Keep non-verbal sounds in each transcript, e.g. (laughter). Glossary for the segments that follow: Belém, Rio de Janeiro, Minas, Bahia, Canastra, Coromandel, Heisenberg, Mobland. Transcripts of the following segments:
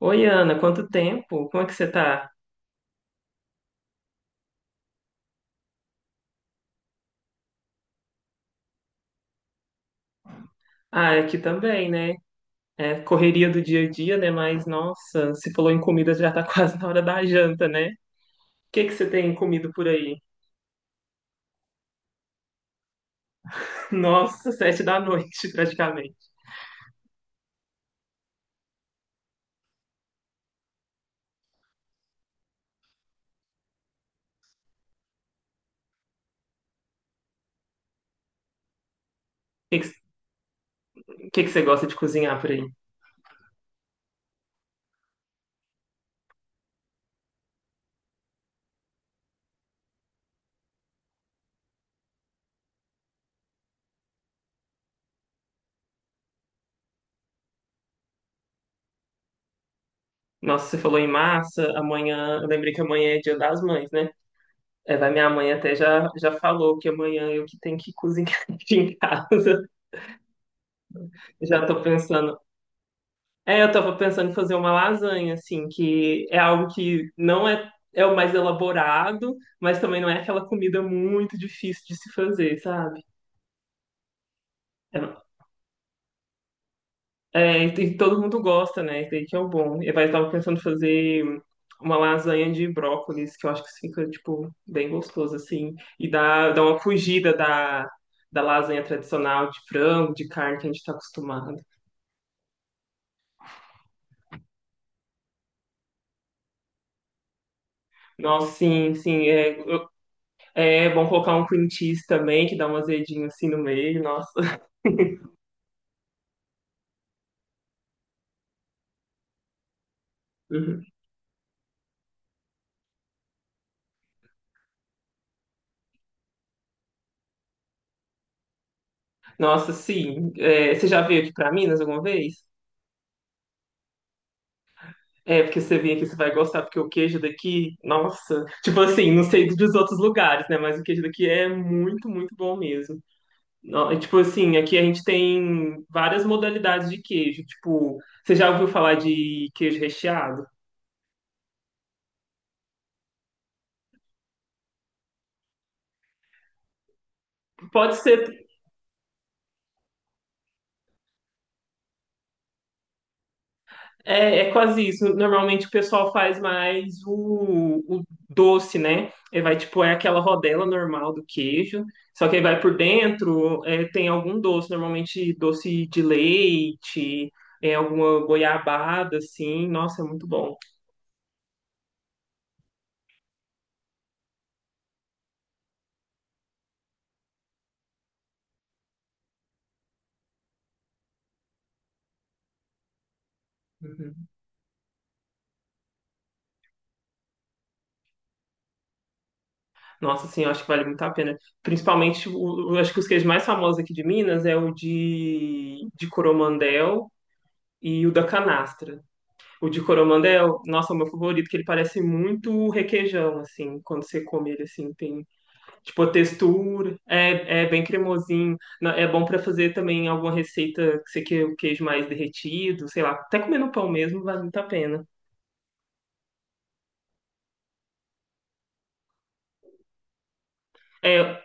Oi, Ana, quanto tempo? Como é que você tá? Ah, é aqui também, né? É correria do dia a dia, né? Mas, nossa, se falou em comida, já tá (laughs) quase na hora da janta, né? o que que você tem comido por aí? Nossa, (laughs) sete da noite, praticamente. O que que, o que que você gosta de cozinhar por aí? Nossa, você falou em massa, amanhã, eu lembrei que amanhã é Dia das Mães, né? É, vai minha mãe até já falou que amanhã eu que tenho que cozinhar (laughs) aqui em casa. Já tô pensando. É, eu tava pensando em fazer uma lasanha, assim, que é algo que não é, é o mais elaborado, mas também não é aquela comida muito difícil de se fazer, sabe? É, e todo mundo gosta, né? Isso daí que é o bom. Eu tava pensando em fazer uma lasanha de brócolis, que eu acho que fica, tipo, bem gostoso, assim. E dá uma fugida da lasanha tradicional de frango, de carne que a gente tá acostumado. Nossa, sim, sim. É, é bom colocar um cream cheese também, que dá um azedinho assim no meio. Nossa, (laughs) nossa, sim. É, você já veio aqui pra Minas alguma vez? É, porque você vem aqui, você vai gostar, porque o queijo daqui, nossa. Tipo assim, não sei dos outros lugares, né? Mas o queijo daqui é muito, muito bom mesmo. Tipo assim, aqui a gente tem várias modalidades de queijo. Tipo, você já ouviu falar de queijo recheado? Pode ser. É, é quase isso. Normalmente o pessoal faz mais o doce, né? Ele vai, tipo, é aquela rodela normal do queijo, só que aí vai por dentro, é, tem algum doce, normalmente doce de leite, é, alguma goiabada, assim. Nossa, é muito bom. Uhum. Nossa, assim, eu acho que vale muito a pena. Principalmente, tipo, o, eu acho que os queijos mais famosos aqui de Minas é o de Coromandel e o da canastra. O de Coromandel, é, nossa, é o meu favorito, que ele parece muito requeijão, assim, quando você come ele, assim, tem, tipo, a textura, é, é bem cremosinho. É bom para fazer também alguma receita que você quer o queijo mais derretido, sei lá, até comer no pão mesmo vale muito a pena. É,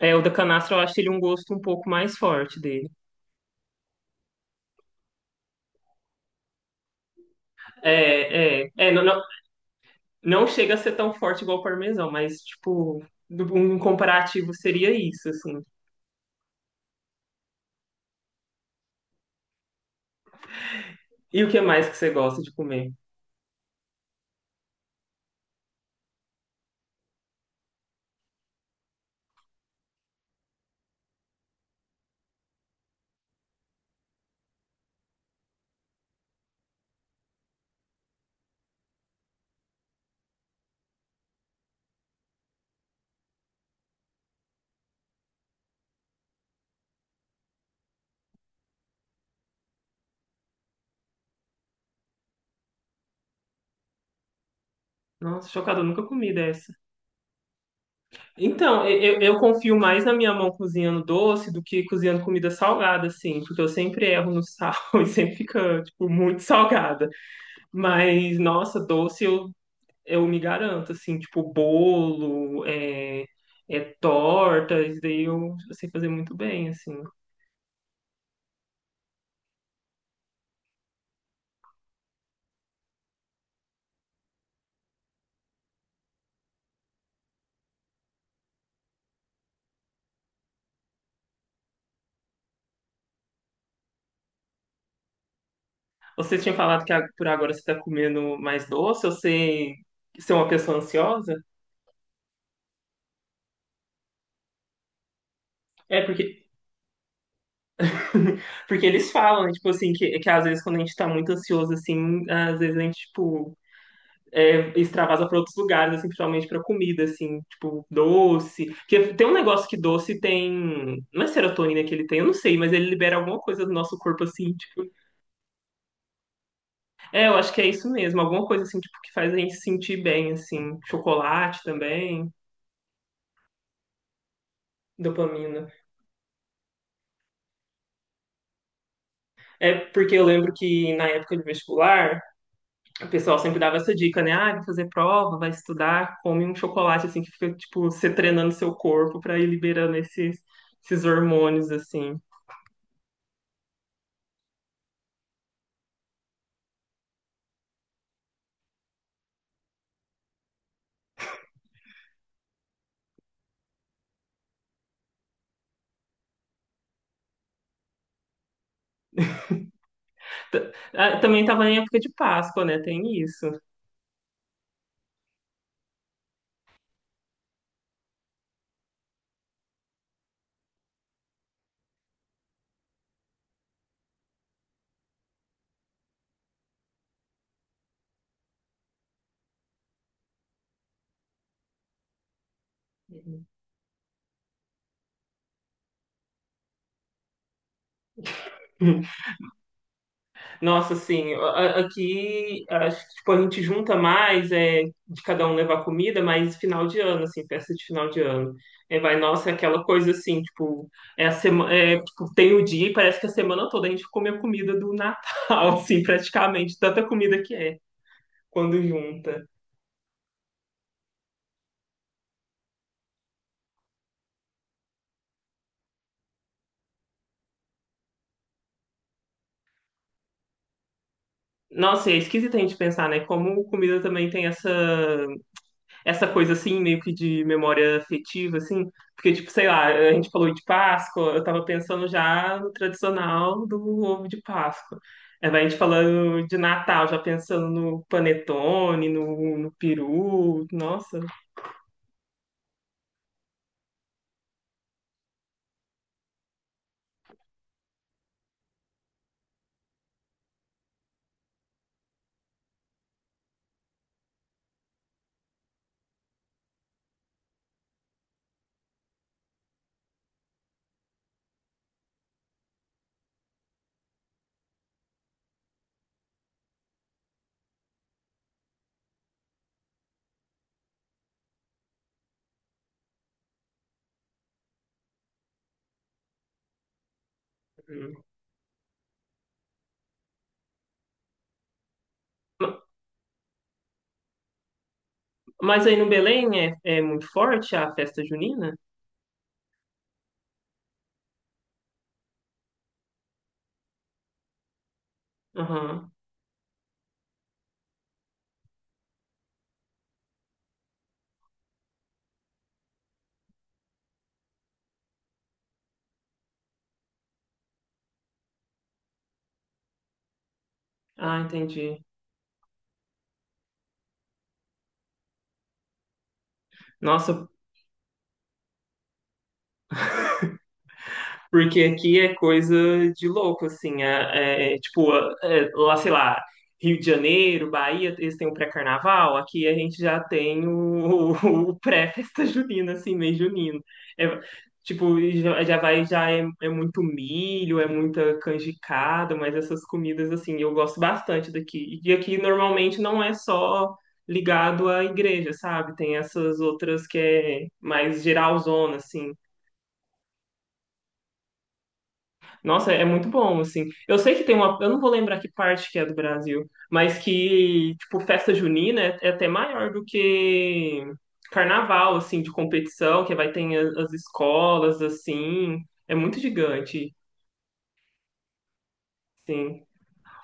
é, o da canastra eu acho ele um gosto um pouco mais forte dele. É, é, é, não, não, não chega a ser tão forte igual o parmesão, mas, tipo, um comparativo seria isso, assim. E o que mais que você gosta de comer? Nossa, chocado, eu nunca comi dessa. Então, eu confio mais na minha mão cozinhando doce do que cozinhando comida salgada, assim, porque eu sempre erro no sal (laughs) e sempre fica, tipo, muito salgada. Mas, nossa, doce eu me garanto, assim, tipo, bolo, é, é torta, isso daí eu sei fazer muito bem, assim. Você tinha falado que por agora você tá comendo mais doce, você, você é uma pessoa ansiosa? É, porque (laughs) porque eles falam, né, tipo assim, que às vezes quando a gente tá muito ansioso, assim, às vezes a gente, tipo, é, extravasa para outros lugares, assim, principalmente para comida, assim, tipo, doce. Porque tem um negócio que doce tem. Não é serotonina que ele tem, eu não sei, mas ele libera alguma coisa do nosso corpo, assim, tipo. É, eu acho que é isso mesmo, alguma coisa, assim, tipo, que faz a gente se sentir bem, assim. Chocolate também. Dopamina. É porque eu lembro que na época de vestibular, o pessoal sempre dava essa dica, né? Ah, vai fazer prova, vai estudar, come um chocolate, assim, que fica, tipo, você treinando seu corpo para ir liberando esses, esses hormônios, assim. Ah, também estava em época de Páscoa, né? Tem isso. Nossa, assim, aqui acho que tipo, a gente junta mais é, de cada um levar comida, mas final de ano, assim, festa de final de ano. É, vai, nossa, é aquela coisa assim, tipo, é a semana, é, tipo, tem o dia e parece que a semana toda a gente come a comida do Natal, (laughs) assim, praticamente, tanta comida que é quando junta. Nossa, é esquisito a gente pensar, né? Como comida também tem essa coisa assim, meio que de memória afetiva, assim, porque, tipo, sei lá, a gente falou de Páscoa, eu tava pensando já no tradicional do ovo de Páscoa. Aí vai a gente falando de Natal, já pensando no panetone, no peru, nossa. Ma- Mas aí no Belém é, é muito forte a festa junina? Aham. Ah, entendi. Nossa, porque aqui é coisa de louco, assim. É, é, tipo, é, lá, sei lá, Rio de Janeiro, Bahia, eles têm o pré-carnaval. Aqui a gente já tem o, (laughs) o pré-festa junina, assim, mês junino. É, tipo, já é muito milho, é muita canjicada, mas essas comidas, assim, eu gosto bastante daqui. E aqui normalmente não é só ligado à igreja, sabe? Tem essas outras que é mais geralzona, assim. Nossa, é muito bom, assim. Eu sei que tem uma. Eu não vou lembrar que parte que é do Brasil, mas que, tipo, festa junina é, é até maior do que carnaval, assim, de competição, que vai ter as, escolas, assim. É muito gigante, sim.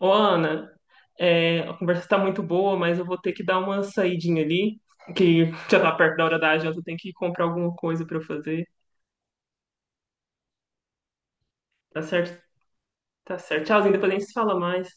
Ô, Ana, é, a conversa tá muito boa, mas eu vou ter que dar uma saidinha ali, que já tá perto da hora da janta, eu tenho que comprar alguma coisa pra eu fazer. Tá certo? Tá certo. Tchauzinho, depois a gente se fala mais.